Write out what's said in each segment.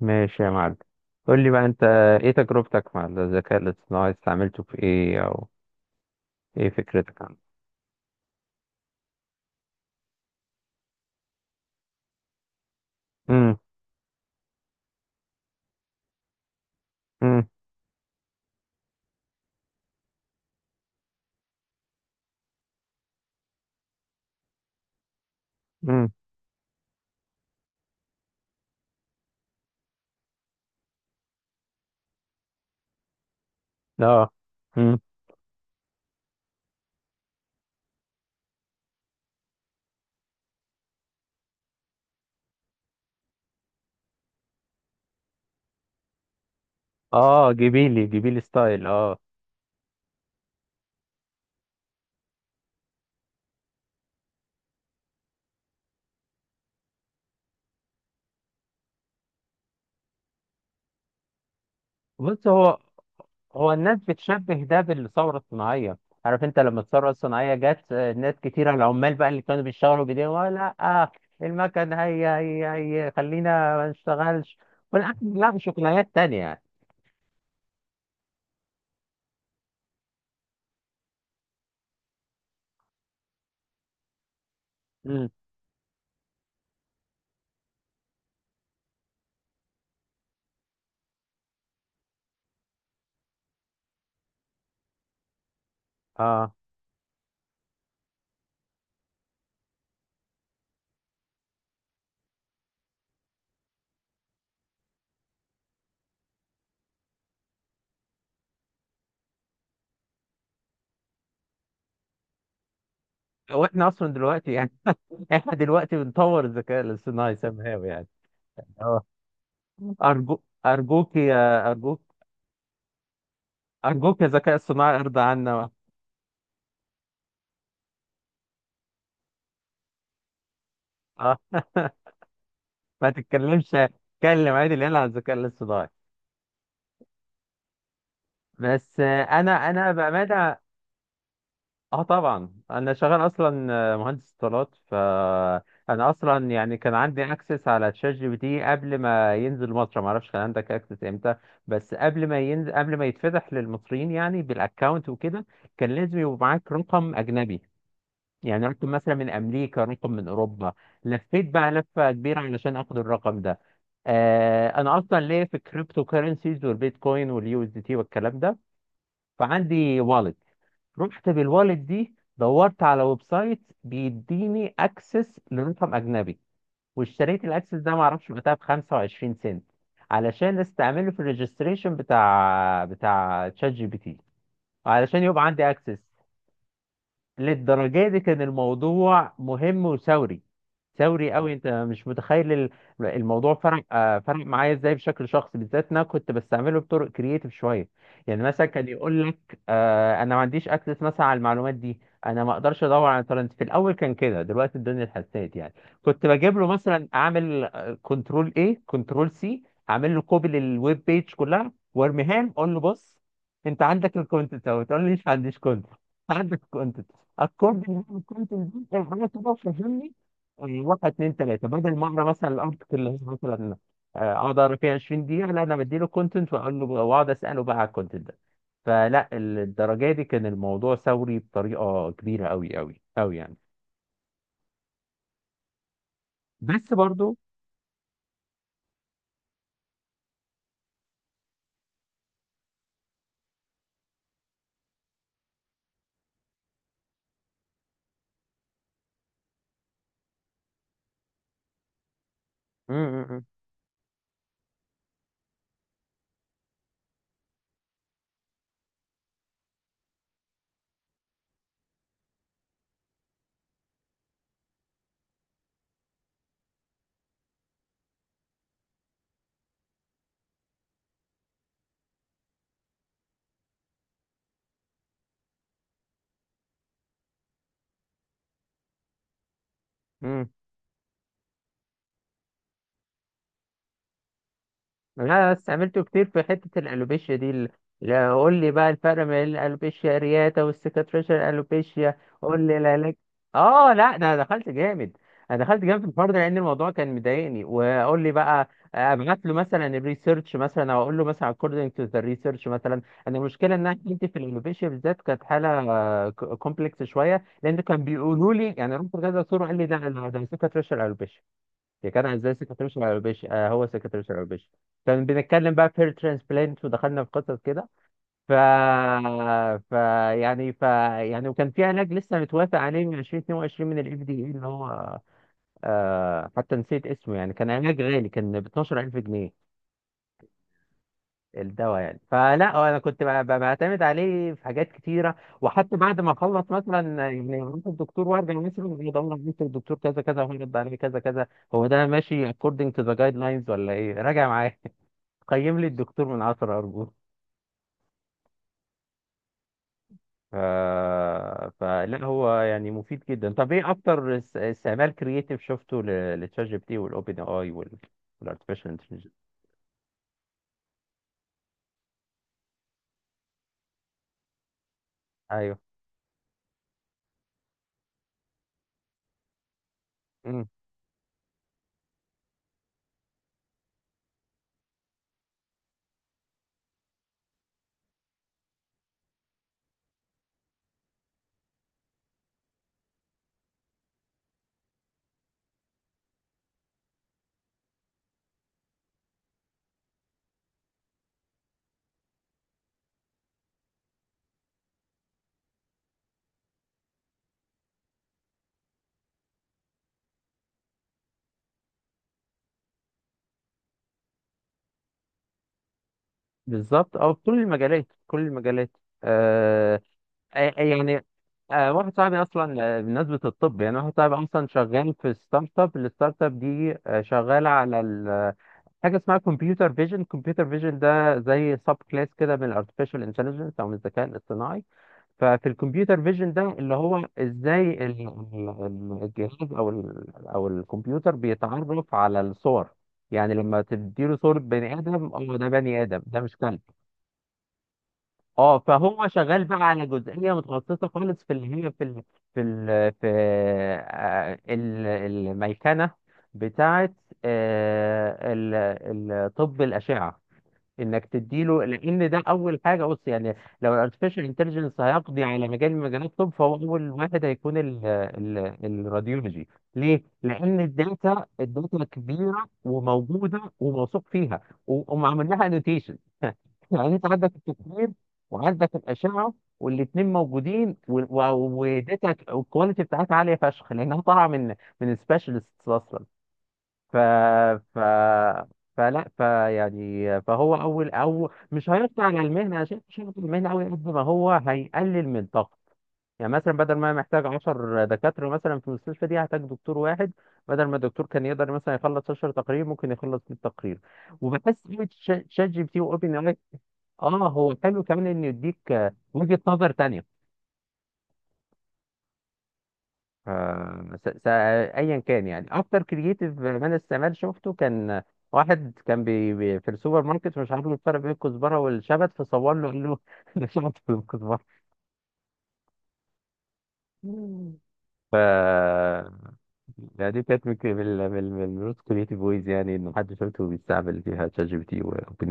ماشي يا معلم. قول لي بقى انت، ايه تجربتك مع الذكاء الاصطناعي؟ استعملته في ايه، او ايه فكرتك عنه؟ امم. امم. امم. اه. امم. اه. جبيلي جبيلي ستايل، اه. بص، هو الناس بتشبه ده بالثوره الصناعيه. عارف انت لما الثوره الصناعيه جت، ناس كتيره، العمال بقى اللي كانوا بيشتغلوا بايديهم، لا، آه، المكن هي خلينا ما نشتغلش، والأكل، لا شغلانات تانية يعني." امم. اه. واحنا اصلا دلوقتي يعني، احنا دلوقتي بنطور الذكاء الاصطناعي سامهاوي يعني. اه. ارجو ارجوك يا ارجوك يا ذكاء اصطناعي ارضى عنا. اه. ما تتكلمش، اتكلم عادي العيال على الذكاء الاصطناعي. بس انا بامانه، اه طبعا انا شغال اصلا مهندس اتصالات. فانا اصلا يعني كان عندي اكسس على تشات جي بي تي قبل ما ينزل مصر. ما اعرفش كان عندك اكسس امتى؟ بس قبل ما ينزل، قبل ما يتفتح للمصريين يعني بالاكونت وكده، كان لازم يبقى معاك رقم اجنبي، يعني رقم مثلا من امريكا، رقم من اوروبا. لفيت بقى لفه كبيره علشان اخد الرقم ده. آه، انا اصلا ليا في الكريبتو كارنسيز والبيتكوين واليو اس دي تي والكلام ده، فعندي والت. رحت بالوالت دي، دورت على ويب سايت بيديني اكسس لرقم اجنبي، واشتريت الاكسس ده، معرفش وقتها، ب 25 سنت، علشان استعمله في الريجستريشن بتاع تشات جي بي تي، علشان يبقى عندي اكسس. للدرجة دي كان الموضوع مهم وثوري. ثوري قوي. انت مش متخيل الموضوع فرق فرق معايا ازاي بشكل شخصي، بالذات ان انا كنت بستعمله بطرق كرييتيف شويه. يعني مثلا كان يقول لك انا ما عنديش اكسس مثلا على المعلومات دي، انا ما اقدرش ادور على ترند. في الاول كان كده، دلوقتي الدنيا اتحسنت يعني. كنت بجيب له مثلا، اعمل كنترول ايه، كنترول سي، اعمل له كوبي للويب بيج كلها وارميها له، اقول له بص انت عندك الكونتنت اهو، تقول لي مش عنديش كونتنت؟ عندك. اكورد ان انا كنت نزلت انا كده فهمني، واحد اتنين تلاته، بدل ما اقرا مثلا الارتكل اللي هي مثلا اقعد اقرا فيها 20 دقيقه، لا انا بديله كونتنت واقول له، واقعد اساله بقى على الكونتنت ده. فلا، الدرجه دي كان الموضوع ثوري بطريقه كبيره قوي قوي قوي يعني. بس برضو. مم. مم. مم. انا استعملته كتير في حته الالوبيشيا دي لا، قول لي بقى الفرق بين الالوبيشيا رياتا والسكاتريشن الالوبيشيا، قول لي العلاج. اه لا، ده انا دخلت جامد. انا دخلت جامد في الحوار ده، لان الموضوع كان مضايقني. وقول لي بقى ابعت له مثلا الريسيرش، مثلا او اقول له مثلا according to the research مثلا. انا المشكله ان انا كنت في الالوبيشيا بالذات، كانت حاله كومبلكس شويه، لان كان بيقولوا لي يعني، رحت لكذا دكتور وقال لي ده ده سكاتريشن الالوبيشيا. هي كان ازاي سكرتير شعوبيش، آه هو سكرتير شعوبيش. كان بنتكلم بقى في ترانسبلانت ودخلنا في قصص كده. ف ف يعني، يعني، وكان في علاج لسه متوافق عليه من 2022 من الاف دي اي اللي هو، آه، حتى نسيت اسمه يعني. كان علاج غالي، كان ب 12000 جنيه الدواء يعني. فلا انا كنت بعتمد عليه في حاجات كتيره، وحتى بعد ما اخلص مثلا، يعني اروح الدكتور وارجع مثلا، يدور على الدكتور كذا كذا، هو رد عليه كذا كذا، هو ده ماشي according to the guidelines ولا ايه، راجع معايا. قيم لي الدكتور من 10 ارجوك. ف... فلا هو يعني مفيد جدا. طب ايه اكتر استعمال كرييتيف شفته لتشات جي بي تي والاوبن اي والارتفيشال انتليجنس؟ ايوه. مم. بالظبط، اه، في كل المجالات، كل المجالات. آه. آه. آه، يعني، واحد صاحبي اصلا، بمناسبه الطب يعني، واحد صاحبي اصلا شغال في ستارت اب، الستارت اب دي شغاله على حاجه اسمها كمبيوتر فيجن. كمبيوتر فيجن ده زي سب كلاس كده من الارتفيشال انتليجنس، او من الذكاء الاصطناعي. ففي الكمبيوتر فيجن ده اللي هو ازاي الجهاز او الكمبيوتر بيتعرف على الصور، يعني لما تديله صورة بني آدم، اه ده بني آدم، ده مش كلب. اه. فهو شغال بقى على جزئيه متخصصه خالص في اللي هي في الميكنه بتاعه آه، ال- طب الاشعه. انك تديله، لان ده اول حاجه، بص يعني، لو الارتفيشال انتليجنس هيقضي على مجال من مجالات الطب، فهو اول واحد هيكون ال ال الراديولوجي. ليه؟ لان الداتا، الداتا كبيره وموجوده وموثوق فيها، وهم عملناها انوتيشن. يعني انت عندك التصوير وعندك الاشعه، والاثنين موجودين، وداتا الكواليتي بتاعتها عاليه فشخ، لانها طالعه من من سبيشالست اصلا. ف ف فلا فهو اول، او مش هيقطع على المهنه، عشان مش هيقطع المهنه قوي قد ما هو هيقلل من طاقته. يعني مثلا بدل ما محتاج 10 دكاتره مثلا في المستشفى دي، هحتاج دكتور واحد. بدل ما الدكتور كان يقدر مثلا يخلص 10 تقارير، ممكن يخلص 100 تقرير. وبحس قوي شات جي بي تي واوبن اي، اه هو حلو كمان انه يديك وجهه نظر تانيه. ف- ايا كان، يعني اكتر كرييتيف مان استعمال شفته كان واحد كان بي بي في السوبر ماركت، مش عارف الفرق بين الكزبره والشبت، فصور له قال له ده شبت ولا كزبره. ف يعني دي كانت من الروت كرييتيف ويز، يعني انه محدش شفته بيستعمل فيها شات جي بي تي واوبن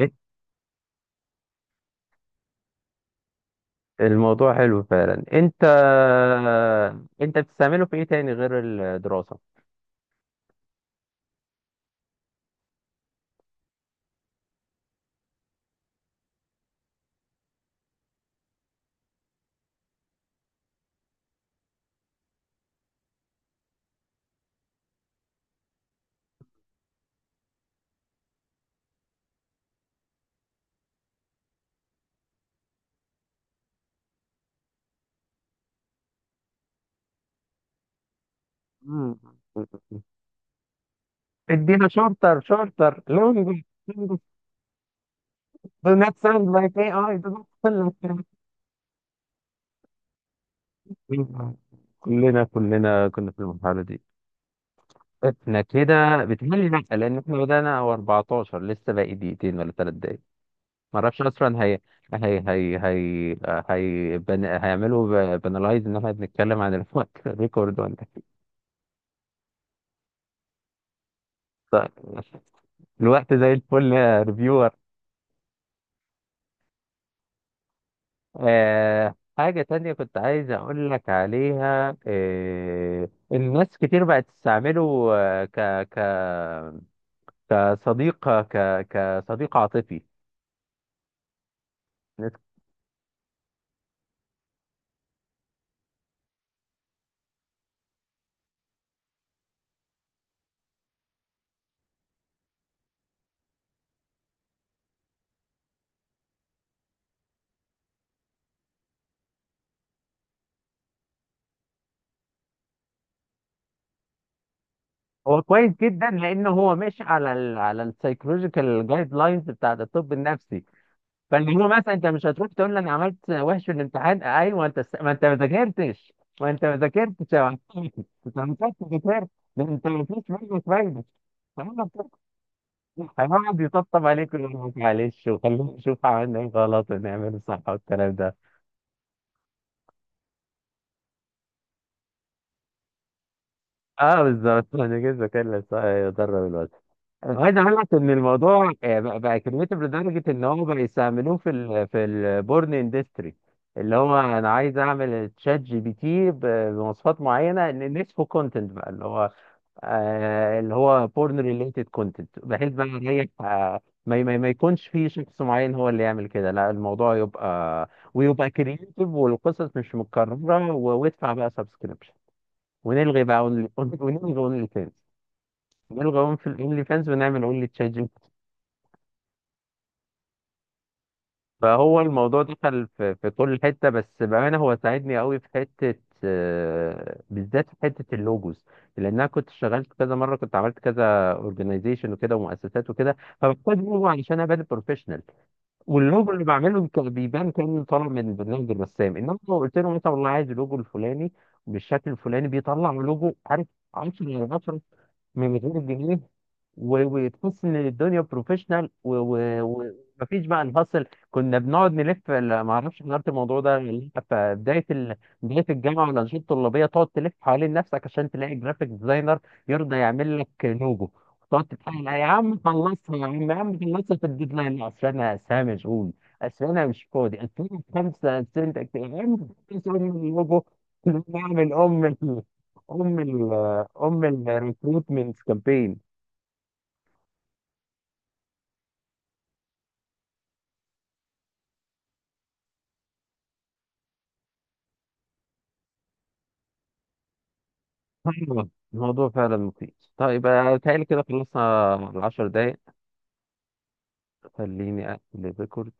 اي. الموضوع حلو فعلا. انت، انت بتستعمله في ايه تاني غير الدراسه؟ مم. ادينا شورتر، شورتر، لونج، لونج، do not sound like AI, do not sound like AI. كلنا، كلنا كنا في المرحلة دي. احنا كده بتهيألي، لأ، لأن احنا بدأنا هو 14، لسه باقي دقيقتين ولا تلات دقايق. معرفش أصلا. هي هي هي هي هيعملوا بنلايز إن احنا بنتكلم عن الوقت ريكورد، ولا إيه؟ طيب. الوقت زي الفل يا ريفيو. آه، حاجة تانية كنت عايز أقول لك عليها، آه، الناس كتير بقت تستعمله آه، ك ك كصديق، كصديق عاطفي. هو كويس جدا، لأنه هو ماشي على ال على السايكولوجيكال جايد لاينز بتاعت الطب النفسي. فاللي هو مثلا، أنت مش هتروح تقول لي أنا عملت وحش في الامتحان، أيوه أنت، ما أنت ما ذاكرتش، ما أنت ما ذاكرتش يا معلم. أنت ما كنتش ذاكرت، ده أنت ما فيش منك فايدة. هيقعد يطبطب عليك، ويقول لك معلش وخلينا نشوف عملنا ايه غلط ونعمله صح، والكلام ده. اه بالظبط. انا جيت بكلم صح يضرب الواد. انا عايز اقول لك ان الموضوع بقى كريتيف، لدرجه ان هو بقى يستعملوه في ال في البورن اندستري. اللي هو انا عايز اعمل تشات جي بي تي بمواصفات معينه، ان نسفه كونتنت بقى، اللي هو اللي هو بورن ريليتد كونتنت، بحيث بقى نريح ما يكونش في شخص معين هو اللي يعمل كده، لا الموضوع يبقى ويبقى كرييتيف والقصص مش متكررة، وادفع بقى سبسكريبشن، ونلغي بقى ونلغي اونلي فانز، نلغي اونلي فانز ونعمل اونلي تشات. فهو الموضوع دخل في، في كل حتة. بس بأمانة هو ساعدني قوي في حتة، بالذات في حتة اللوجوز، لأن أنا كنت اشتغلت كذا مرة، كنت عملت كذا اورجنايزيشن وكده ومؤسسات وكده، فبحتاج لوجو علشان أبان بروفيشنال. واللوجو اللي بعمله كان بيبان كأنه طالع من برنامج الرسام، إنما لو قلت له مثلا والله عايز اللوجو الفلاني بالشكل الفلاني، بيطلع لوجو، عارف، 10 على 10، من غير الجنيه، و- وتحس ان الدنيا بروفيشنال، ومفيش بقى الهصل. كنا بنقعد نلف ما اعرفش حضرت الموضوع ده ولا لأ، في بدايه بدايه الجامعه والانشطه الطلابيه، تقعد تلف حوالين نفسك عشان تلاقي جرافيك ديزاينر يرضى يعمل لك لوجو. تقعد تتحايل عليه، يا عم خلصها يا عم، يا عم خلصها في الديدلاين، لا، اصل انا، اصل انا مشغول، اصل انا مش فاضي، اصل انا خمسه سنت. يا عم خلص ام اللوجو. نعمل ام ال ام ال ام الريكروتمنت كامبين. أيوة، الموضوع فعلا مفيد. طيب، بيتهيألي كده خلصنا العشر دقايق. خليني أقفل الريكورد.